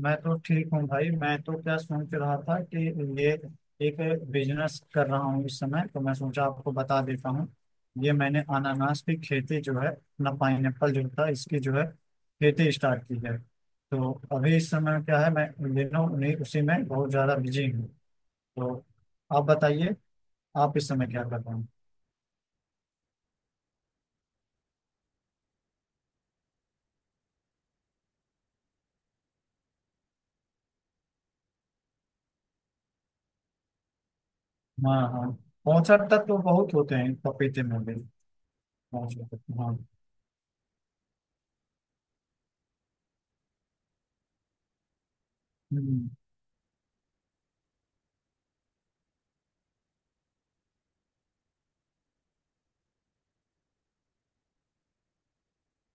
मैं तो ठीक हूँ भाई। मैं तो क्या सोच रहा था कि ये एक बिजनेस कर रहा हूँ इस समय, तो मैं सोचा आपको बता देता हूँ। ये मैंने अनानास की खेती जो है ना, पाइनएप्पल जो था, इसकी जो है खेती स्टार्ट की है। तो अभी इस समय क्या है, मैं इन दिनों उन्हीं उसी में बहुत ज़्यादा बिजी हूँ। तो आप बताइए, आप इस समय क्या कर रहे हैं? हाँ हाँ, 65 तक तो बहुत होते हैं पपीते में भी। 65 तक, हाँ। हम्म।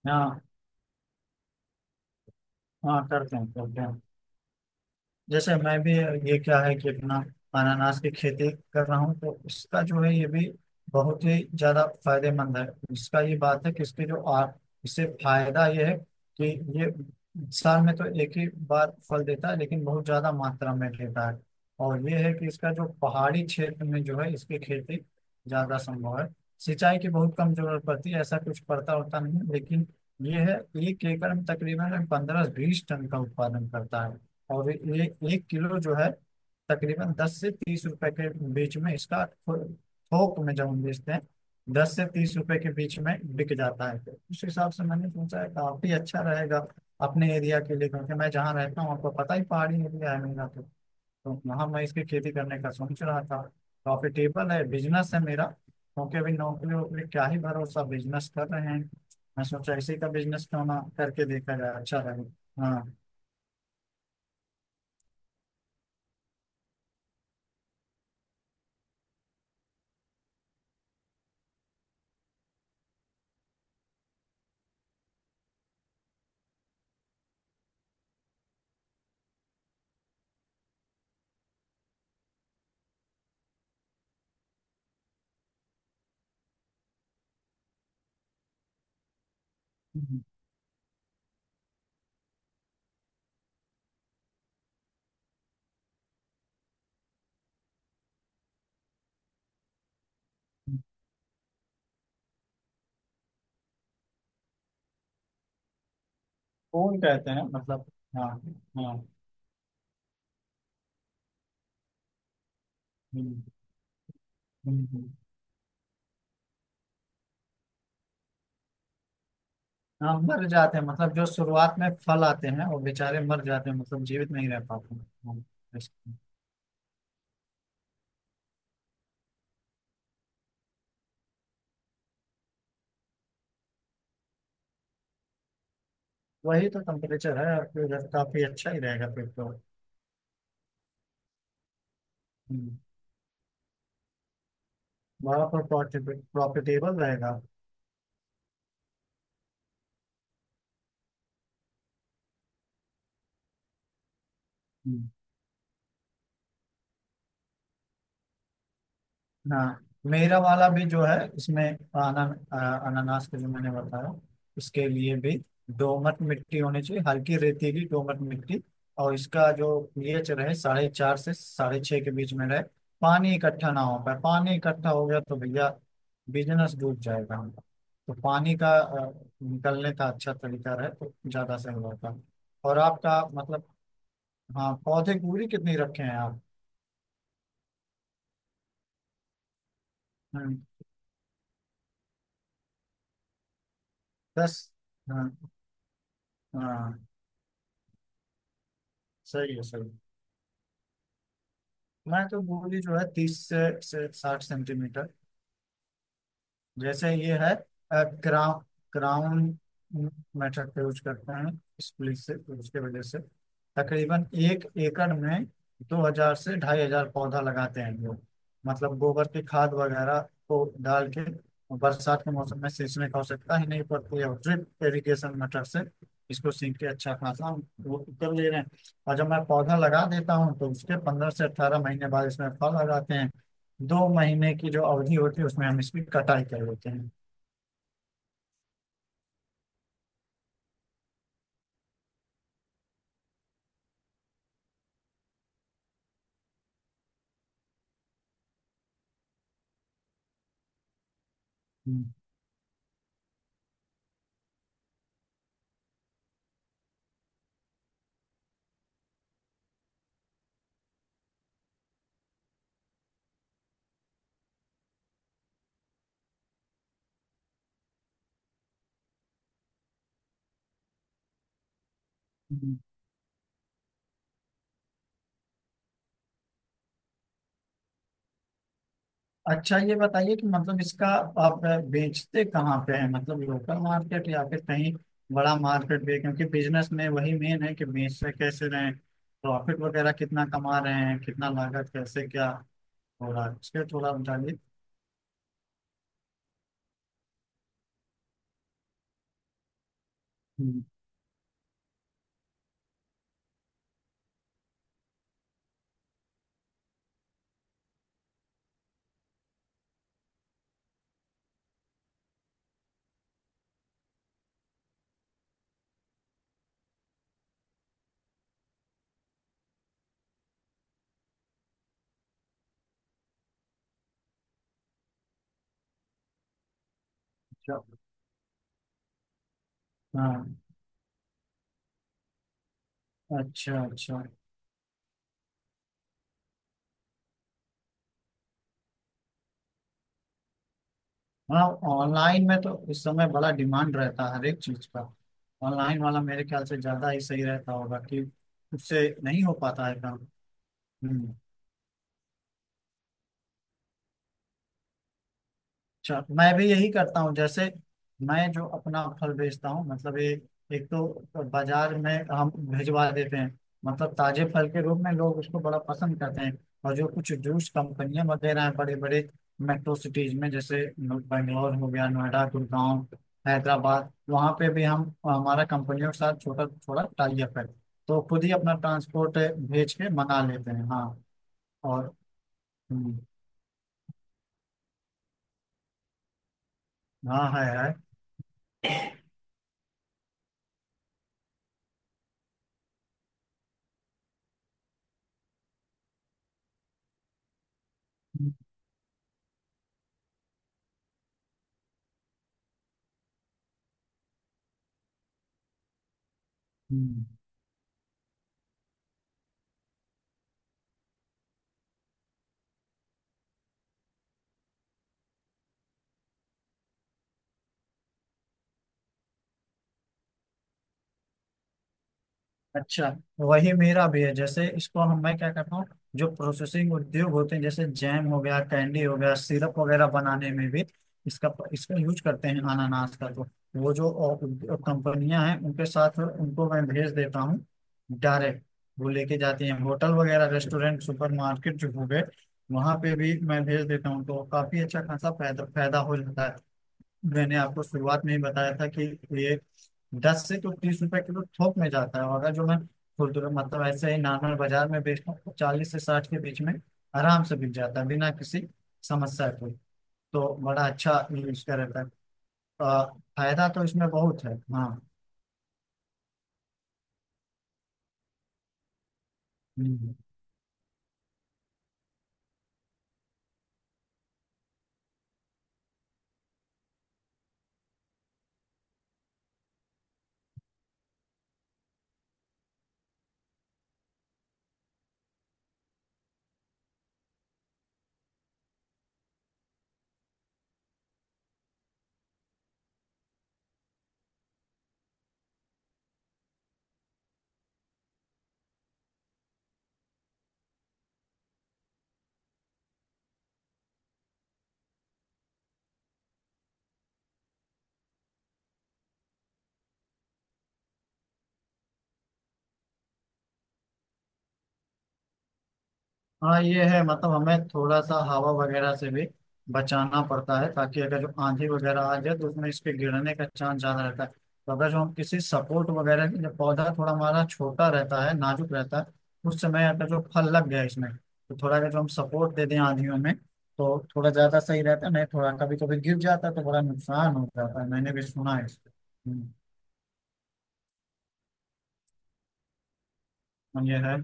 हाँ हाँ, करते हैं करते हैं। जैसे मैं भी, ये क्या है कि अपना अनानास की खेती कर रहा हूँ तो उसका जो है ये भी बहुत ही ज्यादा फायदेमंद है। इसका ये बात है कि इसके जो इससे फायदा ये है कि ये साल में तो एक ही बार फल देता है लेकिन बहुत ज्यादा मात्रा में देता है। और ये है कि इसका जो पहाड़ी क्षेत्र में जो है इसकी खेती ज्यादा संभव है। सिंचाई की बहुत कम जरूरत पड़ती है, ऐसा कुछ पड़ता होता नहीं है, लेकिन ये है, 1 एकड़ में तकरीबन 15-20 टन का उत्पादन करता है। और 1 किलो जो है तकरीबन 10 से 30 रुपए के बीच में इसका थोक में जब हम बेचते हैं, 10 से 30 रुपए के बीच में बिक जाता है। तो उस हिसाब से मैंने सोचा है काफी अच्छा रहेगा अपने एरिया के लिए, क्योंकि मैं जहाँ रहता हूँ आपको पता ही, पहाड़ी एरिया है मेरा तो। तो वहाँ मैं इसकी खेती करने का सोच रहा था। प्रॉफिटेबल है, बिजनेस है मेरा, क्योंकि अभी नौकरी वोकरी क्या ही भरोसा, बिजनेस कर रहे हैं। मैं सोचा इसी का बिजनेस क्यों ना करके देखा जाए, अच्छा रहेगा। हाँ। फूल कहते हैं मतलब। हाँ। हाँ। हम्म। हम्म। हम्म। हाँ, मर जाते हैं, मतलब जो शुरुआत में फल आते हैं वो बेचारे मर जाते हैं, मतलब जीवित नहीं रह पाते हैं, हाँ। ऐसे। वही तो टेम्परेचर है, और फिर काफी अच्छा ही रहेगा फिर तो। हम्म। बड़ा प्रॉफिटेबल रहेगा। हम्म। हाँ। मेरा वाला भी जो है इसमें आना, अनानास का जो मैंने बताया उसके लिए भी दोमट मिट्टी होनी चाहिए, हल्की रेतीली दोमट मिट्टी। और इसका जो पीएच रहे, 4.5 से 6.5 के बीच में रहे। पानी इकट्ठा ना हो पाए, पानी इकट्ठा हो गया तो भैया बिजनेस डूब जाएगा हमारा। तो पानी का निकलने का अच्छा तरीका रहे तो ज़्यादा सही होगा। और आपका मतलब, हाँ, पौधे की दूरी कितनी रखे हैं आप? हम्म, दस, हाँ, हाँ। सही है सही है। मैं तो बोली जो है 30 से 60 सेंटीमीटर। जैसे ये है क्राउन, क्राउन मेथड का यूज करते हैं, स्प्लिट से उसके वजह से। तकरीबन 1 एकड़ में 2,000 से 2,500 पौधा लगाते हैं लोग। मतलब गोबर की खाद वगैरह को डाल के बरसात के मौसम में सींचने की आवश्यकता ही नहीं पड़ती है, ड्रिप इरिगेशन मेथड से इसको सींच के अच्छा खासा हम वो कर ले रहे हैं। और जब मैं पौधा लगा देता हूँ तो उसके 15 से 18 महीने बाद इसमें फल आ जाते हैं। 2 महीने की जो अवधि होती है उसमें हम इसकी कटाई कर लेते हैं। हम्म। हम्म। अच्छा, ये बताइए कि मतलब इसका, आप बेचते कहाँ पे हैं? मतलब लोकल मार्केट या फिर कहीं बड़ा मार्केट भी है? क्योंकि बिजनेस में वही मेन है कि बेचते कैसे रहे, प्रॉफिट वगैरह कितना कमा रहे हैं, कितना लागत, कैसे क्या हो रहा है, उसके थोड़ा बताइए। हम्म। अच्छा। हाँ। अच्छा अच्छा। हाँ। ऑनलाइन में तो इस समय बड़ा डिमांड रहता है हर एक चीज का। ऑनलाइन वाला मेरे ख्याल से ज्यादा ही सही रहता होगा कि उससे नहीं हो पाता है काम। हम्म। अच्छा, तो मैं भी यही करता हूँ। जैसे मैं जो अपना फल बेचता हूँ, मतलब ये, एक तो बाजार में हम भिजवा देते हैं, मतलब ताजे फल के रूप में लोग उसको बड़ा पसंद करते हैं। और जो कुछ जूस कंपनियां वगैरह हैं बड़े बड़े मेट्रो सिटीज में, जैसे बेंगलोर हो गया, नोएडा, गुड़गांव, हैदराबाद, वहाँ पे भी हम, हमारा कंपनियों के साथ छोटा थोड़ा टाई अप है। तो खुद ही अपना ट्रांसपोर्ट भेज के मंगा लेते हैं, हाँ। और हम्म, हाँ है। हम्म। हम्म। अच्छा, वही मेरा भी है, जैसे इसको हम, मैं क्या करता हूँ, जो प्रोसेसिंग उद्योग होते हैं जैसे जैम हो गया, कैंडी हो गया, सिरप वगैरह बनाने में भी इसका इसका यूज करते हैं अनानास का तो। वो जो कंपनियां हैं उनके साथ, उनको मैं भेज देता हूँ डायरेक्ट। वो लेके जाती हैं होटल वगैरह, रेस्टोरेंट, सुपरमार्केट जो हो गए, वहां पे भी मैं भेज देता हूँ, तो काफी अच्छा खासा फायदा फायदा हो जाता है। मैंने आपको शुरुआत में ही बताया था कि ये 10 से तो 30 रुपए किलो थोक में जाता है, और अगर जो मैं खुदरा मतलब ऐसे ही नॉर्मल बाजार में बेचता हूँ तो 40 से 60 के बीच में आराम से बिक जाता है, बिना किसी समस्या के। तो बड़ा अच्छा ये इसका रहता है। अ, फायदा तो इसमें बहुत है, हाँ। हम्म। हाँ ये है, मतलब हमें थोड़ा सा हवा वगैरह से भी बचाना पड़ता है, ताकि अगर जो आंधी वगैरह आ जाए तो उसमें इसके गिरने का चांस ज्यादा रहता है। तो अगर जो हम किसी सपोर्ट वगैरह की, जब पौधा थोड़ा हमारा छोटा रहता है, नाजुक रहता है, उस समय अगर जो फल लग गया इसमें, तो थोड़ा अगर जो हम सपोर्ट दे दें आंधियों में, तो थोड़ा ज्यादा सही रहता है। नहीं थोड़ा कभी कभी गिर जाता है तो बड़ा नुकसान हो जाता है, मैंने भी सुना है इसको। हम्म। और ये है।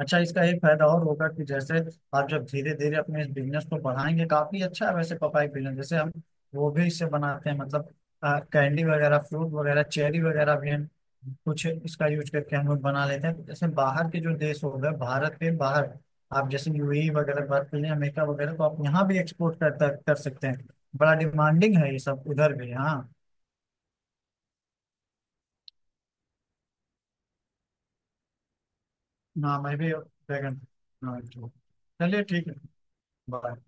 अच्छा, इसका एक फायदा और होगा कि जैसे आप जब धीरे धीरे अपने इस बिजनेस को बढ़ाएंगे, काफी अच्छा है वैसे। पपाई बिजनेस जैसे हम, वो भी इससे बनाते हैं, मतलब कैंडी वगैरह, फ्रूट वगैरह, चेरी वगैरह भी हम कुछ इसका यूज करके हम लोग बना लेते हैं। तो जैसे बाहर के जो देश हो गए, भारत के बाहर, आप जैसे यूएई वगैरह की बात कर लें, अमेरिका वगैरह, तो आप यहाँ भी एक्सपोर्ट कर सकते हैं। बड़ा डिमांडिंग है ये सब उधर भी, हाँ। हाँ मैं भी ड्रैगन। हाँ। चलिए ठीक है। बाय।